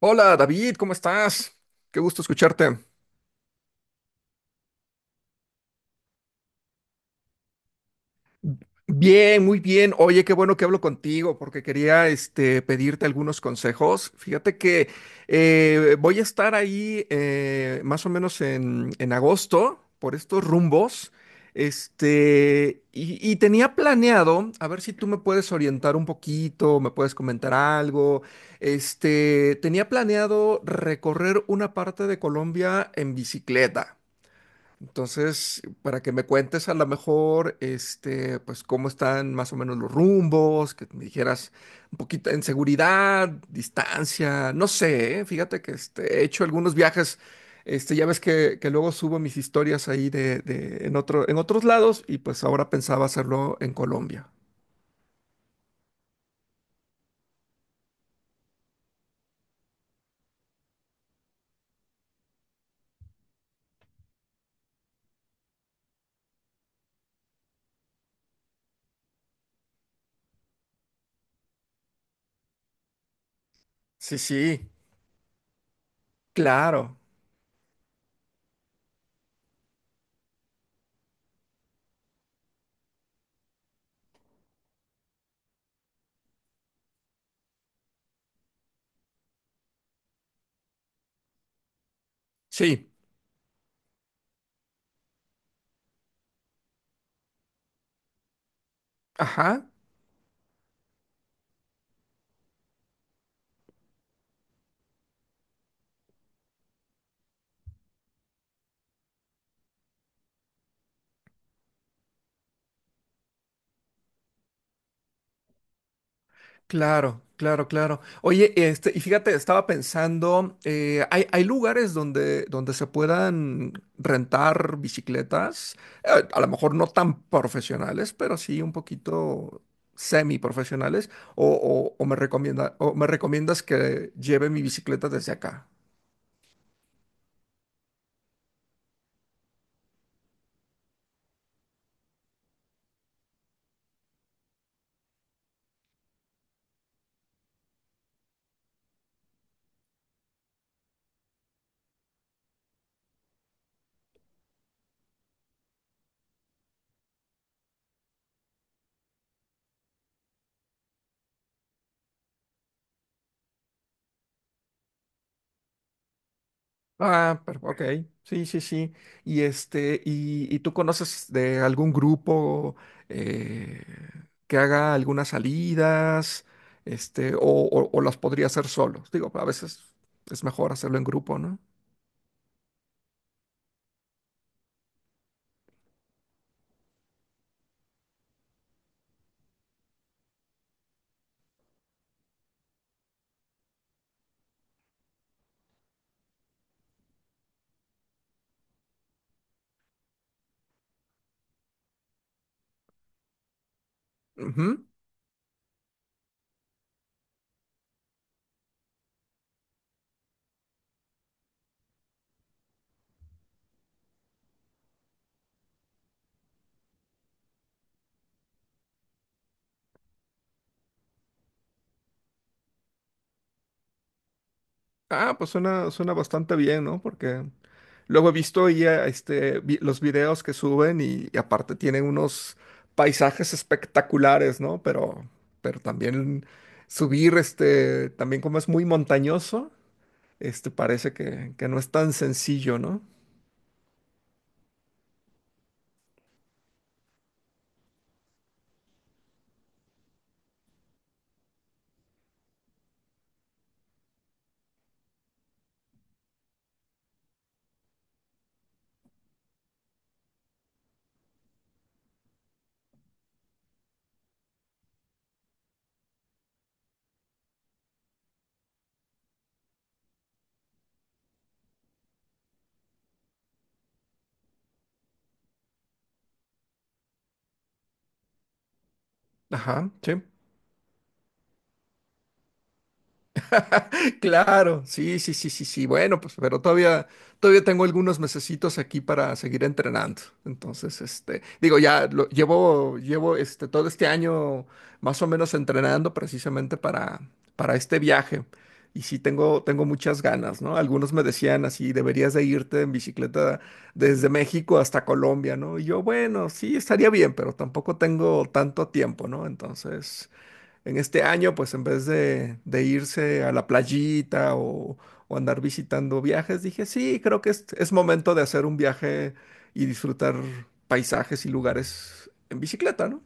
Hola David, ¿cómo estás? Qué gusto escucharte. Bien, muy bien. Oye, qué bueno que hablo contigo porque quería pedirte algunos consejos. Fíjate que voy a estar ahí más o menos en agosto por estos rumbos. Y tenía planeado, a ver si tú me puedes orientar un poquito, me puedes comentar algo. Tenía planeado recorrer una parte de Colombia en bicicleta. Entonces, para que me cuentes a lo mejor, pues cómo están más o menos los rumbos, que me dijeras un poquito en seguridad, distancia, no sé, Fíjate que he hecho algunos viajes, ya ves que luego subo mis historias ahí en en otros lados y pues ahora pensaba hacerlo en Colombia. Sí, sí, claro, sí, ajá. Claro, claro, claro. Oye, y fíjate, estaba pensando, hay lugares donde se puedan rentar bicicletas, a lo mejor no tan profesionales, pero sí un poquito semi profesionales, o, o me o me recomiendas que lleve mi bicicleta desde acá. Ah, pero, ok, sí, sí, sí. Y y tú conoces de algún grupo eh, que haga algunas salidas, o las podría hacer solos. Digo, a veces es mejor hacerlo en grupo, no. Ujú. Ah, pues suena, suena bastante bien, ¿no? Porque luego he visto ya los videos que suben y aparte tienen unos paisajes espectaculares, ¿no? Pero también subir, también como es muy montañoso, parece que no es tan sencillo, ¿no? Ajá, sí. Claro, sí, sí, sí, sí, sí. Bueno, pues, pero todavía tengo algunos mesecitos aquí para seguir entrenando. Entonces, digo, llevo, todo este año más o menos entrenando precisamente para este viaje. Y sí, tengo muchas ganas, ¿no? Algunos me decían así, deberías de irte en bicicleta desde México hasta Colombia, ¿no? Y yo, bueno, sí, estaría bien, pero tampoco tengo tanto tiempo, ¿no? Entonces en este año, pues en vez de irse a la playita o andar visitando viajes, dije, sí, creo que es momento de hacer un viaje y disfrutar paisajes y lugares en bicicleta, ¿no?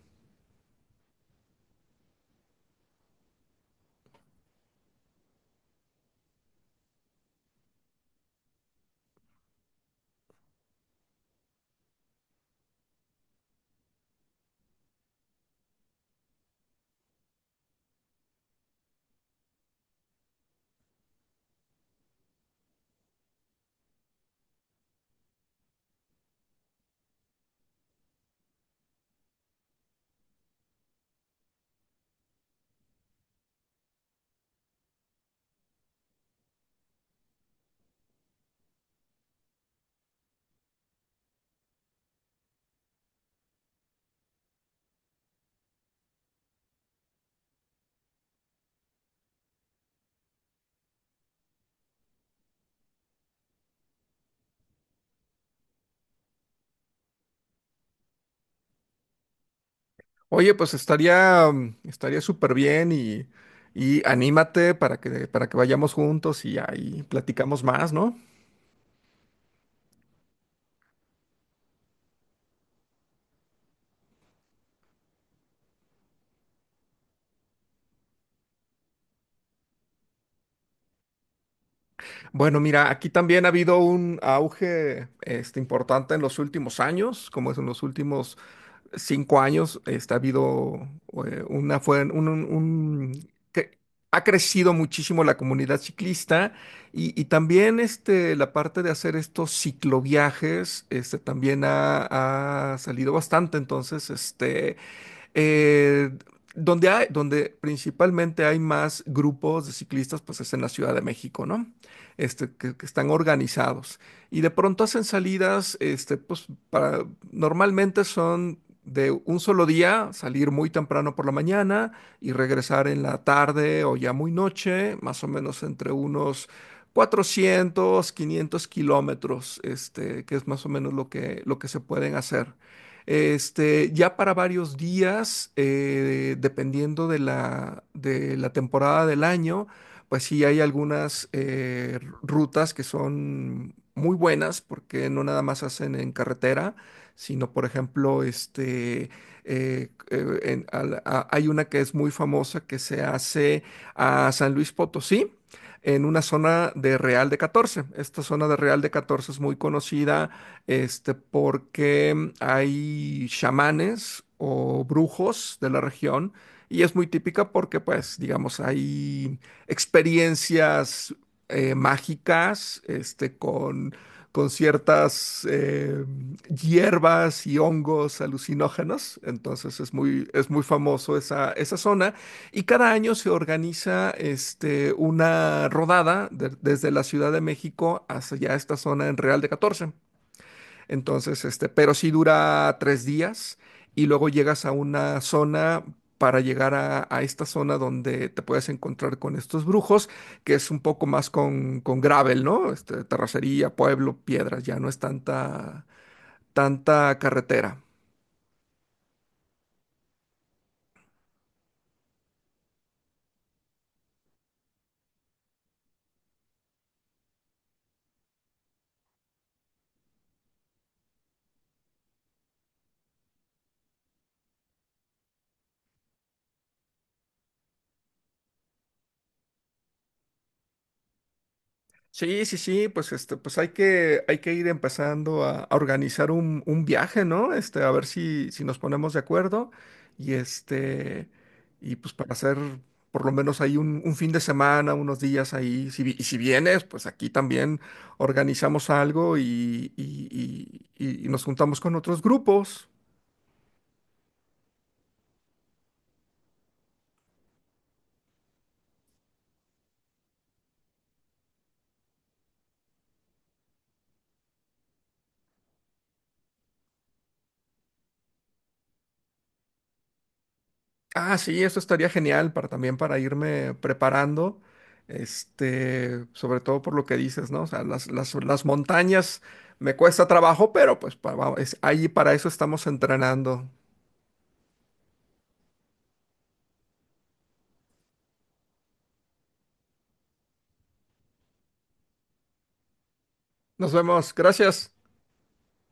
Oye, pues estaría, estaría súper bien y anímate para que vayamos juntos y ahí platicamos más, ¿no? Bueno, mira, aquí también ha habido un auge importante en los últimos años, como es en los últimos 5 años está ha habido una fue un- que ha crecido muchísimo la comunidad ciclista y también la parte de hacer estos cicloviajes también ha, ha salido bastante entonces eh, donde hay, donde principalmente hay más grupos de ciclistas, pues es en la Ciudad de México, ¿no? Que están organizados. Y de pronto hacen salidas, normalmente son de un solo día, salir muy temprano por la mañana y regresar en la tarde o ya muy noche, más o menos entre unos 400 o 500 km, que es más o menos lo que se pueden hacer. Ya para varios días, dependiendo de de la temporada del año, pues sí hay algunas rutas que son muy buenas porque no nada más hacen en carretera, sino por ejemplo, hay una que es muy famosa que se hace a San Luis Potosí, en una zona de Real de Catorce. Esta zona de Real de Catorce es muy conocida porque hay chamanes o brujos de la región y es muy típica porque, pues, digamos, hay experiencias mágicas, con ciertas hierbas y hongos alucinógenos. Entonces es es muy famoso esa, esa zona y cada año se organiza, una rodada desde la Ciudad de México hacia esta zona en Real de Catorce, entonces, pero sí dura 3 días y luego llegas a una zona para llegar a esta zona donde te puedes encontrar con estos brujos, que es un poco más con gravel, ¿no? Terracería, pueblo, piedras, ya no es tanta carretera. Sí, sí, sí, pues hay que ir empezando a organizar un viaje, ¿no? A ver si nos ponemos de acuerdo. Y y pues para hacer por lo menos ahí un fin de semana, unos días ahí. Y si vienes, pues aquí también organizamos algo y nos juntamos con otros grupos. Ah, sí, eso estaría genial para también para irme preparando, sobre todo por lo que dices, ¿no? O sea, las montañas me cuesta trabajo, pero pues ahí para eso estamos entrenando. Nos vemos, gracias.